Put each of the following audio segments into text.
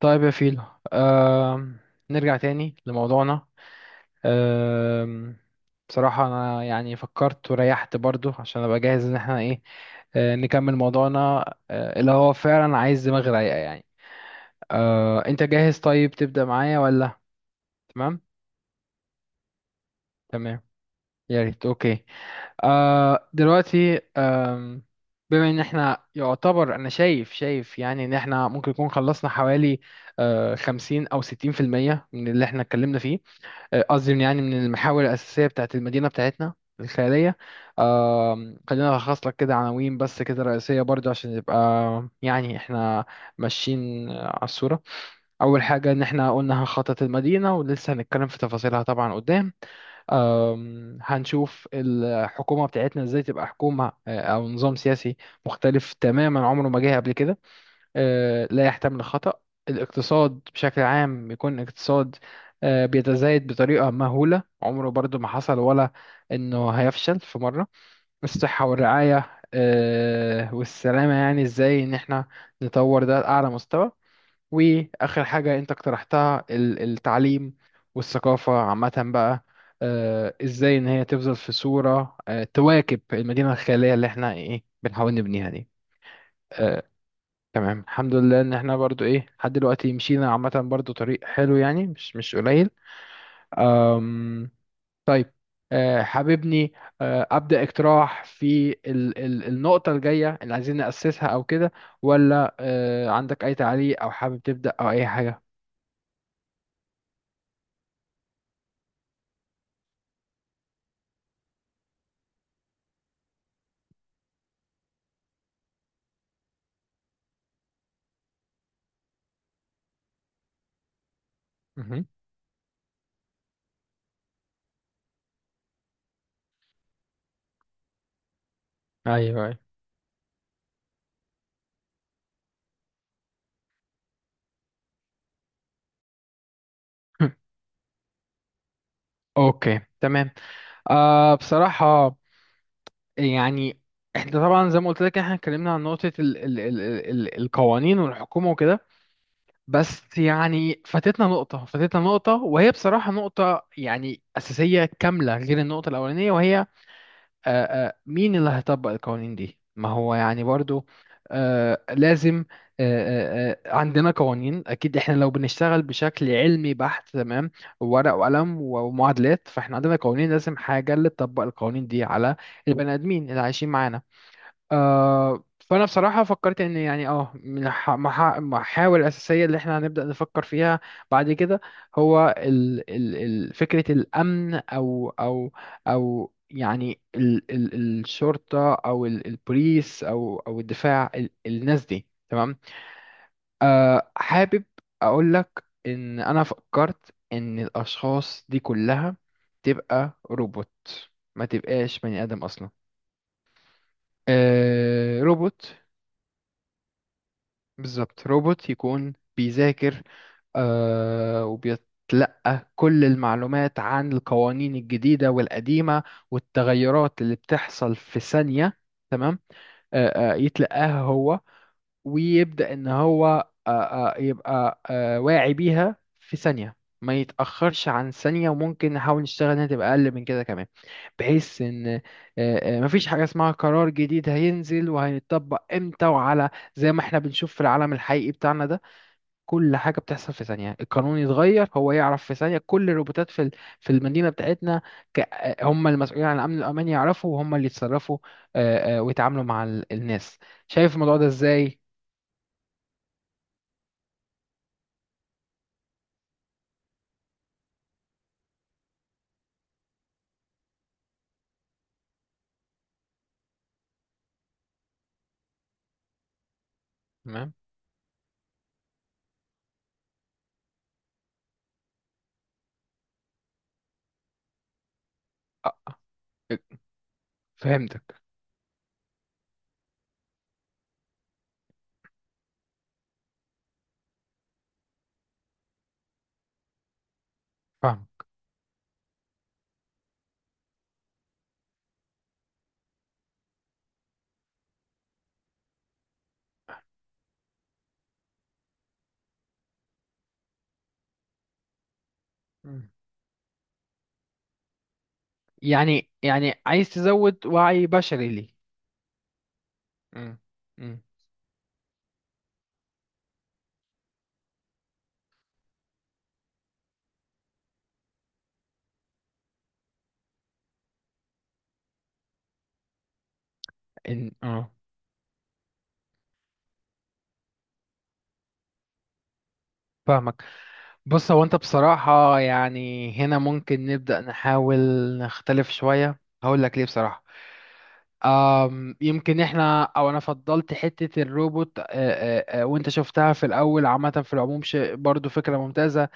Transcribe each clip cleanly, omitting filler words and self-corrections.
طيب يا فيلو. آم، نرجع تاني لموضوعنا. آم، بصراحة أنا يعني فكرت وريحت برضو عشان أبقى جاهز إن احنا إيه، نكمل موضوعنا، اللي هو فعلا عايز دماغ رايقة يعني. أنت جاهز طيب، تبدأ معايا ولا؟ تمام. تمام، يا ريت. أوكي. دلوقتي بما إن احنا يعتبر أنا شايف، يعني إن احنا ممكن نكون خلصنا حوالي 50 أو 60% من اللي احنا اتكلمنا فيه. قصدي يعني من المحاور الأساسية بتاعت المدينة بتاعتنا الخيالية. خلينا ألخص لك كده عناوين بس كده رئيسية برضو عشان يبقى يعني احنا ماشيين على الصورة. أول حاجة إن احنا قلنا هنخطط المدينة ولسه هنتكلم في تفاصيلها طبعا قدام. هنشوف الحكومة بتاعتنا إزاي تبقى حكومة، أو نظام سياسي مختلف تماما عمره ما جه قبل كده، لا يحتمل الخطأ. الاقتصاد بشكل عام يكون اقتصاد بيتزايد بطريقة مهولة، عمره برضو ما حصل، ولا إنه هيفشل في مرة. الصحة والرعاية والسلامة، يعني إزاي إن إحنا نطور ده لأعلى مستوى. وآخر حاجة أنت اقترحتها التعليم والثقافة عامة بقى، إزاي إن هي تفضل في صورة تواكب المدينة الخيالية اللي إحنا إيه بنحاول نبنيها دي. آه، تمام، الحمد لله ان احنا برضو ايه لحد دلوقتي مشينا عامة برضو طريق حلو، يعني مش قليل. أم طيب. حاببني ابدأ اقتراح في ال النقطة الجاية اللي عايزين نأسسها او كده؟ ولا عندك اي تعليق، او حابب تبدأ، او اي حاجة؟ مهم. ايوه، ايوه. اوكي، تمام. بصراحة يعني احنا طبعا زي ما قلت لك، احنا اتكلمنا عن نقطة ال القوانين والحكومة وكده. بس يعني فاتتنا نقطة، وهي بصراحة نقطة يعني أساسية كاملة غير النقطة الأولانية، وهي مين اللي هيطبق القوانين دي؟ ما هو يعني برضو لازم عندنا قوانين، أكيد إحنا لو بنشتغل بشكل علمي بحت تمام، ورق وقلم ومعادلات، فإحنا عندنا قوانين، لازم حاجة اللي تطبق القوانين دي على البني آدمين اللي عايشين معانا. فانا بصراحه فكرت ان يعني من المحاور الاساسيه اللي احنا هنبدا نفكر فيها بعد كده هو ال ال ال فكره الامن، او يعني ال ال الشرطه، او البوليس، او الدفاع، الناس دي. تمام. حابب اقول لك ان انا فكرت ان الاشخاص دي كلها تبقى روبوت، ما تبقاش بني ادم اصلا، روبوت. بالظبط. روبوت يكون بيذاكر، وبيتلقى كل المعلومات عن القوانين الجديدة والقديمة والتغيرات اللي بتحصل في ثانية. تمام. يتلقاها هو ويبدأ إن هو يبقى واعي بيها في ثانية، ما يتأخرش عن ثانية، وممكن نحاول نشتغل إنها تبقى أقل من كده كمان. بحيث إن مفيش حاجة اسمها قرار جديد هينزل وهيتطبق إمتى وعلى، زي ما إحنا بنشوف في العالم الحقيقي بتاعنا ده. كل حاجة بتحصل في ثانية، القانون يتغير، هو يعرف في ثانية. كل الروبوتات في في المدينة بتاعتنا، هم المسؤولين عن الأمن الأمان، يعرفوا وهم اللي يتصرفوا ويتعاملوا مع الناس. شايف الموضوع ده إزاي؟ تمام. آه، فهمتك، فاهم. مم. يعني عايز تزود وعي بشري ليه. مم. مم. إن فاهمك. بص، هو انت بصراحة يعني هنا ممكن نبدأ نحاول نختلف شوية، هقول لك ليه بصراحة. يمكن احنا او انا فضلت حتة الروبوت، وانت شفتها في الاول عامة، في العموم شيء برضو فكرة ممتازة.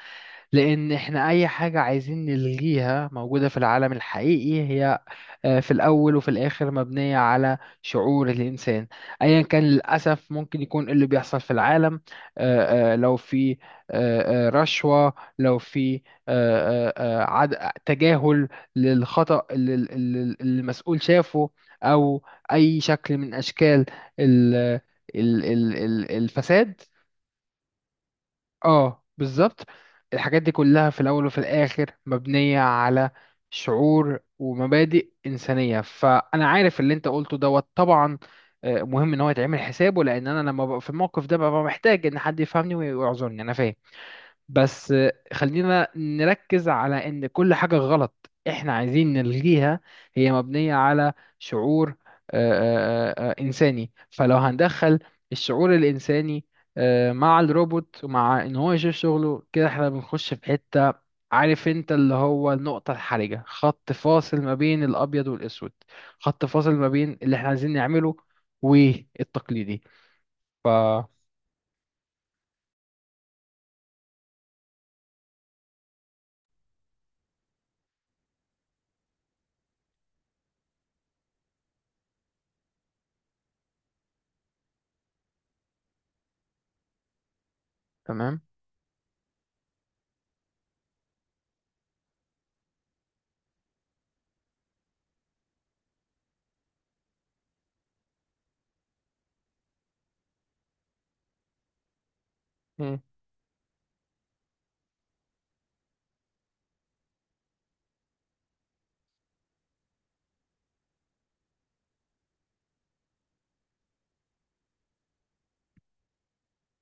لان احنا اي حاجة عايزين نلغيها موجودة في العالم الحقيقي هي في الأول وفي الآخر مبنية على شعور الإنسان أيا كان. للأسف ممكن يكون اللي بيحصل في العالم لو في رشوة، لو في آه، آه، تجاهل للخطأ اللي المسؤول شافه، أو أي شكل من أشكال ال- الفساد. اه، بالظبط. الحاجات دي كلها في الاول وفي الاخر مبنية على شعور ومبادئ انسانية. فانا عارف اللي انت قلته دوت طبعا، مهم ان هو يتعمل حسابه، لان انا لما ببقى في الموقف ده ببقى محتاج ان حد يفهمني ويعذرني، انا فاهم. بس خلينا نركز على ان كل حاجة غلط احنا عايزين نلغيها هي مبنية على شعور آه، انساني. فلو هندخل الشعور الانساني مع الروبوت، ومع ان هو يشوف شغله كده احنا بنخش في حتة، عارف انت اللي هو النقطة الحرجة، خط فاصل ما بين الابيض والاسود، خط فاصل ما بين اللي احنا عايزين نعمله والتقليدي. ف تمام. مم.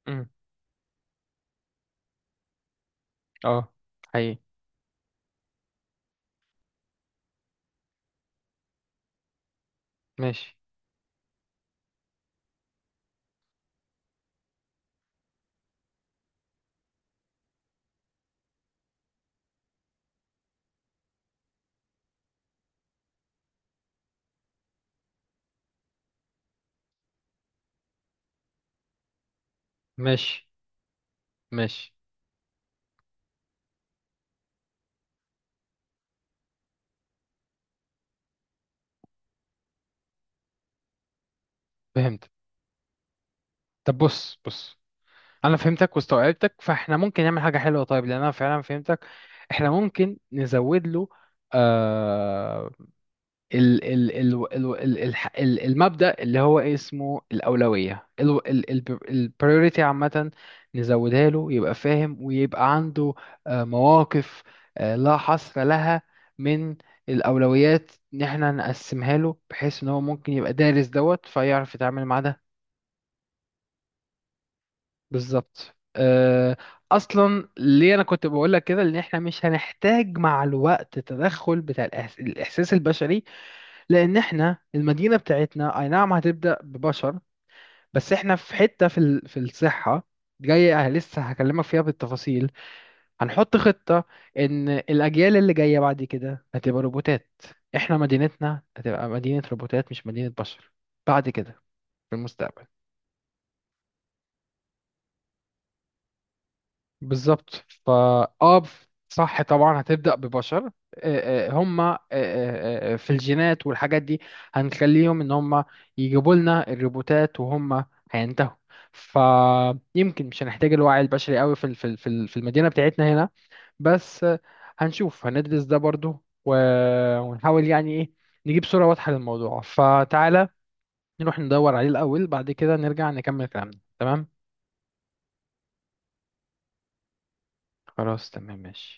مم. اه، حقيقي. ماشي. ماشي. ماشي. فهمت. طب بص، بص انا فهمتك واستوعبتك، فاحنا ممكن نعمل حاجه حلوه طيب، لان انا فعلا فهمتك. احنا ممكن نزود له آه ال ال ال ال ال الح- ال المبدا اللي هو إيه اسمه، الاولويه، ال ال ال البريوريتي عامه، نزودها له يبقى فاهم ويبقى عنده مواقف لا حصر لها من الأولويات، إن إحنا نقسمها له بحيث إن هو ممكن يبقى دارس دوت فيعرف يتعامل مع ده. بالظبط. اصلا ليه انا كنت بقول لك كده، ان احنا مش هنحتاج مع الوقت تدخل بتاع الاحساس البشري، لان احنا المدينه بتاعتنا اي نعم هتبدا ببشر، بس احنا في حته في في الصحه جايه لسه هكلمك فيها بالتفاصيل، هنحط خطه ان الاجيال اللي جايه بعد كده هتبقى روبوتات. احنا مدينتنا هتبقى مدينه روبوتات مش مدينه بشر بعد كده، في المستقبل. بالظبط. اه، صح. طبعا هتبدأ ببشر، هم في الجينات والحاجات دي هنخليهم ان هم يجيبوا لنا الروبوتات، وهم هينتهوا. فيمكن مش هنحتاج الوعي البشري قوي في في المدينة بتاعتنا هنا. بس هنشوف هندرس ده برضو، ونحاول يعني ايه، نجيب صورة واضحة للموضوع. فتعالى نروح ندور عليه الأول، بعد كده نرجع نكمل كلامنا. تمام. خلاص، تمام، ماشي.